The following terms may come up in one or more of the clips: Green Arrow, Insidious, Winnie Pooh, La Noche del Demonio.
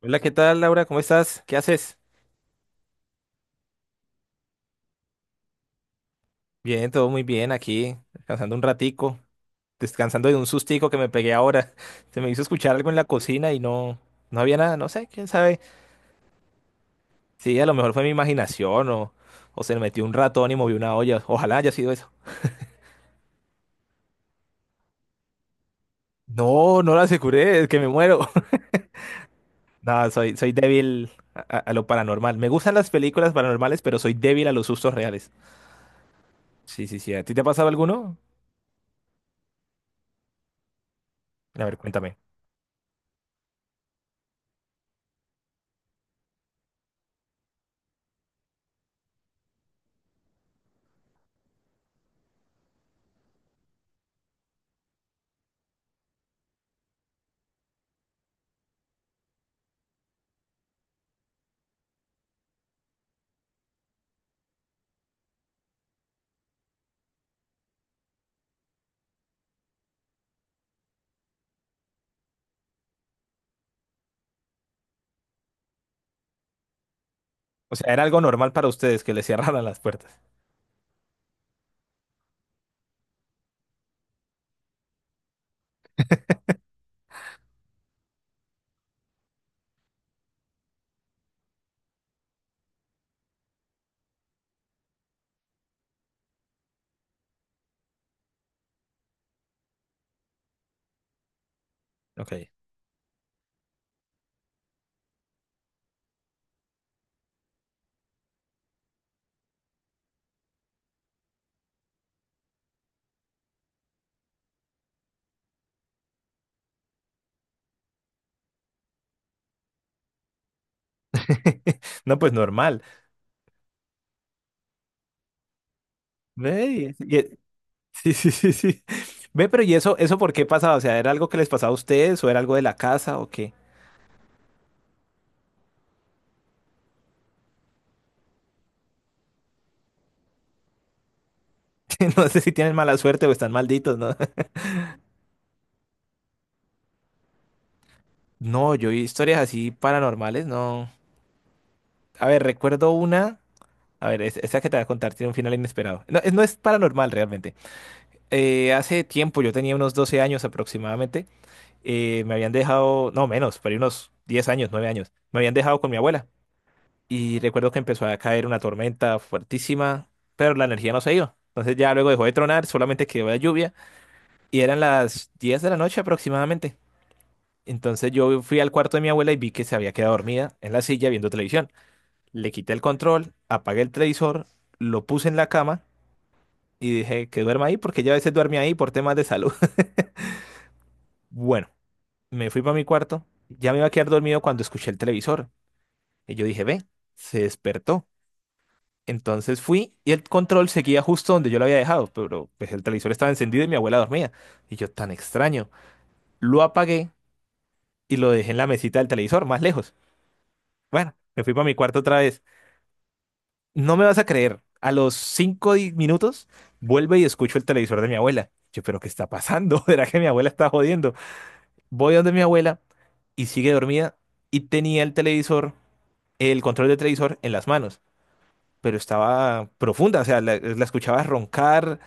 Hola, ¿qué tal, Laura? ¿Cómo estás? ¿Qué haces? Bien, todo muy bien aquí, descansando un ratico, descansando de un sustico que me pegué ahora. Se me hizo escuchar algo en la cocina y no, no había nada, no sé, quién sabe. Sí, a lo mejor fue mi imaginación o se me metió un ratón y movió una olla. Ojalá haya sido eso. No, no la aseguré, es que me muero. No, soy débil a lo paranormal. Me gustan las películas paranormales, pero soy débil a los sustos reales. Sí, sí, sí. ¿A ti te ha pasado alguno? A ver, cuéntame. O sea, era algo normal para ustedes que les cerraran las puertas. Ok. No, pues normal. Ve, sí, sí, sí, sí. Ve, pero ¿y eso por qué pasaba? O sea, ¿era algo que les pasaba a ustedes o era algo de la casa o qué? No sé si tienen mala suerte o están malditos, ¿no? No, yo vi historias así paranormales, no. A ver, recuerdo una. A ver, esta que te voy a contar tiene un final inesperado. No, no es paranormal realmente. Hace tiempo, yo tenía unos 12 años aproximadamente. Me habían dejado, no menos, pero unos 10 años, 9 años. Me habían dejado con mi abuela. Y recuerdo que empezó a caer una tormenta fuertísima, pero la energía no se iba. Entonces ya luego dejó de tronar, solamente quedó la lluvia. Y eran las 10 de la noche aproximadamente. Entonces yo fui al cuarto de mi abuela y vi que se había quedado dormida en la silla viendo televisión. Le quité el control, apagué el televisor, lo puse en la cama y dije que duerma ahí porque ella a veces duerme ahí por temas de salud. Bueno, me fui para mi cuarto. Ya me iba a quedar dormido cuando escuché el televisor. Y yo dije, ve, se despertó. Entonces fui y el control seguía justo donde yo lo había dejado, pero pues el televisor estaba encendido y mi abuela dormía. Y yo, tan extraño. Lo apagué y lo dejé en la mesita del televisor, más lejos. Bueno, me fui para mi cuarto otra vez. No me vas a creer, a los 5 minutos vuelvo y escucho el televisor de mi abuela. Yo, pero ¿qué está pasando? ¿Será que mi abuela está jodiendo? Voy donde mi abuela y sigue dormida y tenía el televisor, el control del televisor en las manos, pero estaba profunda, o sea, la escuchaba roncar.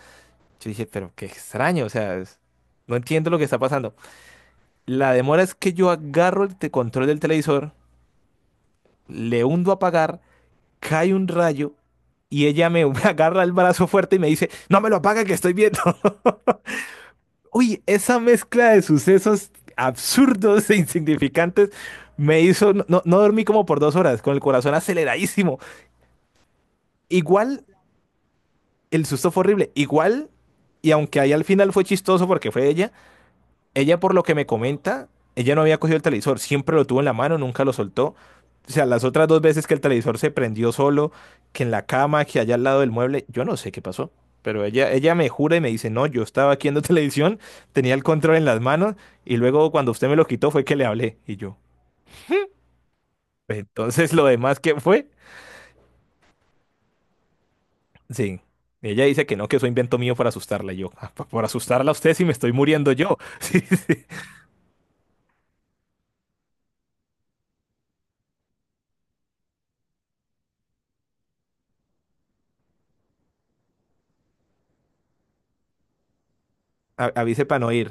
Yo dije, pero qué extraño, o sea, no entiendo lo que está pasando. La demora es que yo agarro el control del televisor, le hundo a apagar, cae un rayo y ella me agarra el brazo fuerte y me dice, no me lo apaga que estoy viendo. Uy, esa mezcla de sucesos absurdos e insignificantes me hizo, no, no dormí como por 2 horas, con el corazón aceleradísimo. Igual, el susto fue horrible, igual, y aunque ahí al final fue chistoso porque fue ella. Ella, por lo que me comenta, ella no había cogido el televisor, siempre lo tuvo en la mano, nunca lo soltó. O sea, las otras dos veces que el televisor se prendió solo, que en la cama, que allá al lado del mueble, yo no sé qué pasó. Pero ella me jura y me dice, no, yo estaba aquí viendo televisión, tenía el control en las manos y luego cuando usted me lo quitó fue que le hablé. Y yo, "Pues, entonces lo demás, ¿qué fue?" Sí. Ella dice que no, que eso invento mío para asustarla. Y yo, "Ah, por asustarla a usted si me estoy muriendo yo." Sí, sí. A- Avise para no ir.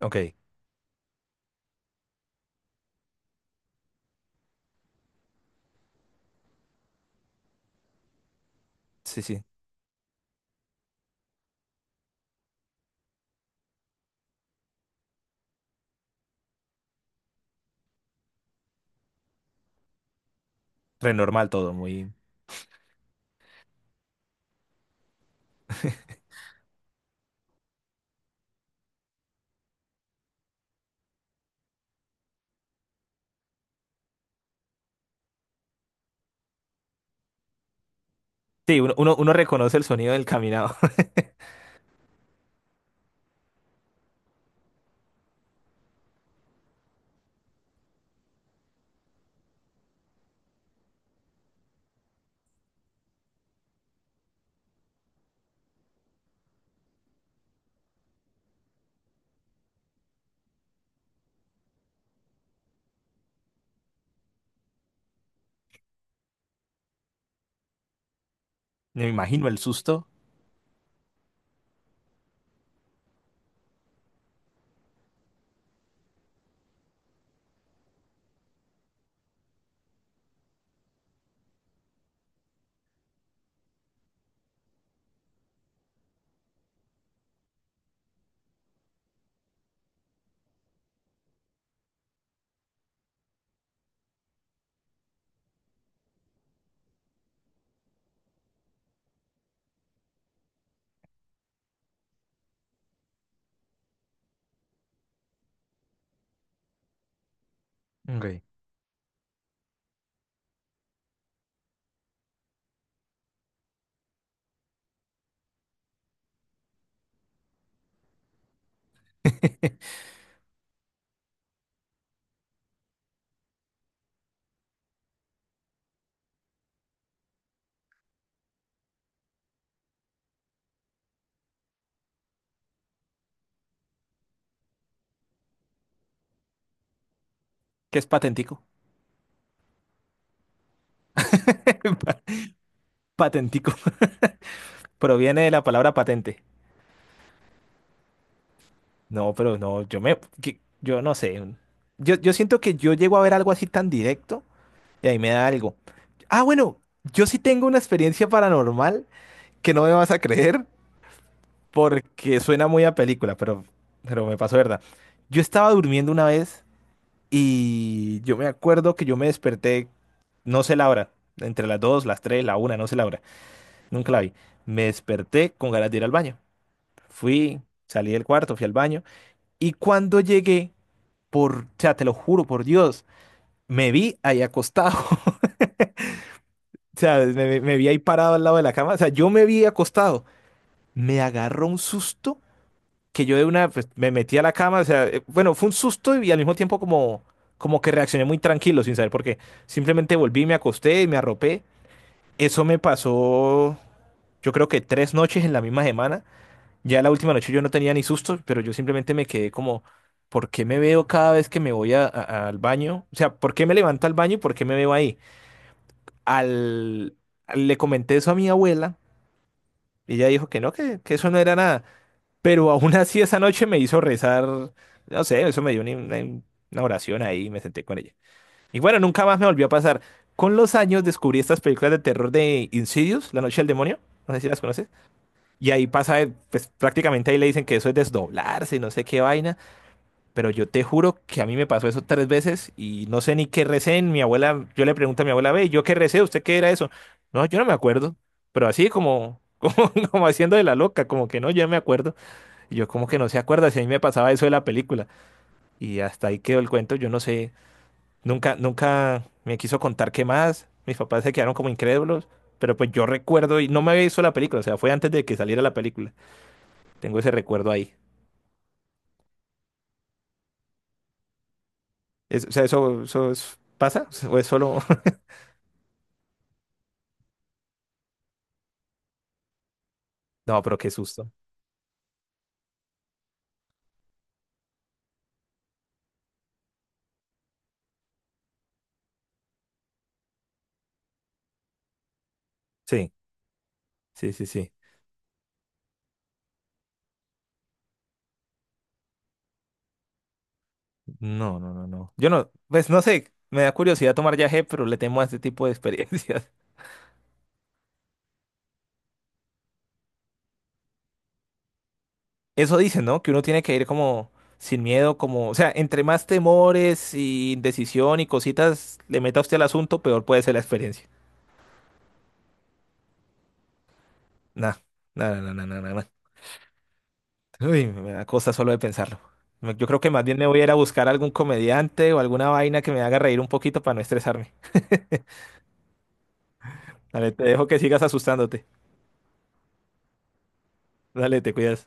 Ok, sí, sí. Renormal todo, muy. Sí, uno reconoce el sonido del caminado. Me imagino el susto. Ok. Que es patentico. Pa- Patentico. Proviene de la palabra patente. No, pero no, yo no sé. Yo siento que yo llego a ver algo así tan directo y ahí me da algo. Ah, bueno, yo sí tengo una experiencia paranormal que no me vas a creer porque suena muy a película, pero me pasó, ¿verdad? Yo estaba durmiendo una vez. Y yo me acuerdo que yo me desperté, no sé la hora, entre las 2 las 3 la una no sé la hora, nunca la vi. Me desperté con ganas de ir al baño. Fui, salí del cuarto, fui al baño. Y cuando llegué, por, o sea, te lo juro, por Dios, me vi ahí acostado. O sea, me vi ahí parado al lado de la cama. O sea, yo me vi acostado. Me agarró un susto que yo de una pues, me metí a la cama, o sea, bueno, fue un susto y al mismo tiempo como, como que reaccioné muy tranquilo sin saber por qué. Simplemente volví, me acosté y me arropé. Eso me pasó, yo creo que tres noches en la misma semana. Ya la última noche yo no tenía ni susto, pero yo simplemente me quedé como, ¿por qué me veo cada vez que me voy al baño? O sea, ¿por qué me levanto al baño y por qué me veo ahí? Al, le comenté eso a mi abuela. Y ella dijo que no, que eso no era nada. Pero aún así esa noche me hizo rezar, no sé, eso me dio una oración ahí y me senté con ella. Y bueno, nunca más me volvió a pasar. Con los años descubrí estas películas de terror de Insidious, La Noche del Demonio, no sé si las conoces, y ahí pasa, pues prácticamente ahí le dicen que eso es desdoblarse, no sé qué vaina, pero yo te juro que a mí me pasó eso tres veces y no sé ni qué recé. Mi abuela, yo le pregunto a mi abuela, ve, ¿yo qué recé? ¿Usted qué era eso? No, yo no me acuerdo, pero así como, como, como haciendo de la loca, como que no, yo no me acuerdo. Y yo como que no se acuerda si a mí me pasaba eso de la película. Y hasta ahí quedó el cuento, yo no sé. Nunca, nunca me quiso contar qué más. Mis papás se quedaron como incrédulos. Pero pues yo recuerdo y no me había visto la película, o sea, fue antes de que saliera la película. Tengo ese recuerdo ahí. O sea, ¿eso, eso pasa? ¿O es solo...? No, pero qué susto. Sí, sí, sí, sí. No, no, no, no. Yo no, pues no sé, me da curiosidad tomar viaje, pero le temo a este tipo de experiencias. Eso dicen, ¿no? Que uno tiene que ir como sin miedo, como, o sea, entre más temores y indecisión y cositas le meta usted al asunto, peor puede ser la experiencia. Nah, nada. Uy, me da cosa solo de pensarlo. Yo creo que más bien me voy a ir a buscar algún comediante o alguna vaina que me haga reír un poquito para no estresarme. Dale, te dejo que sigas asustándote. Dale, te cuidas.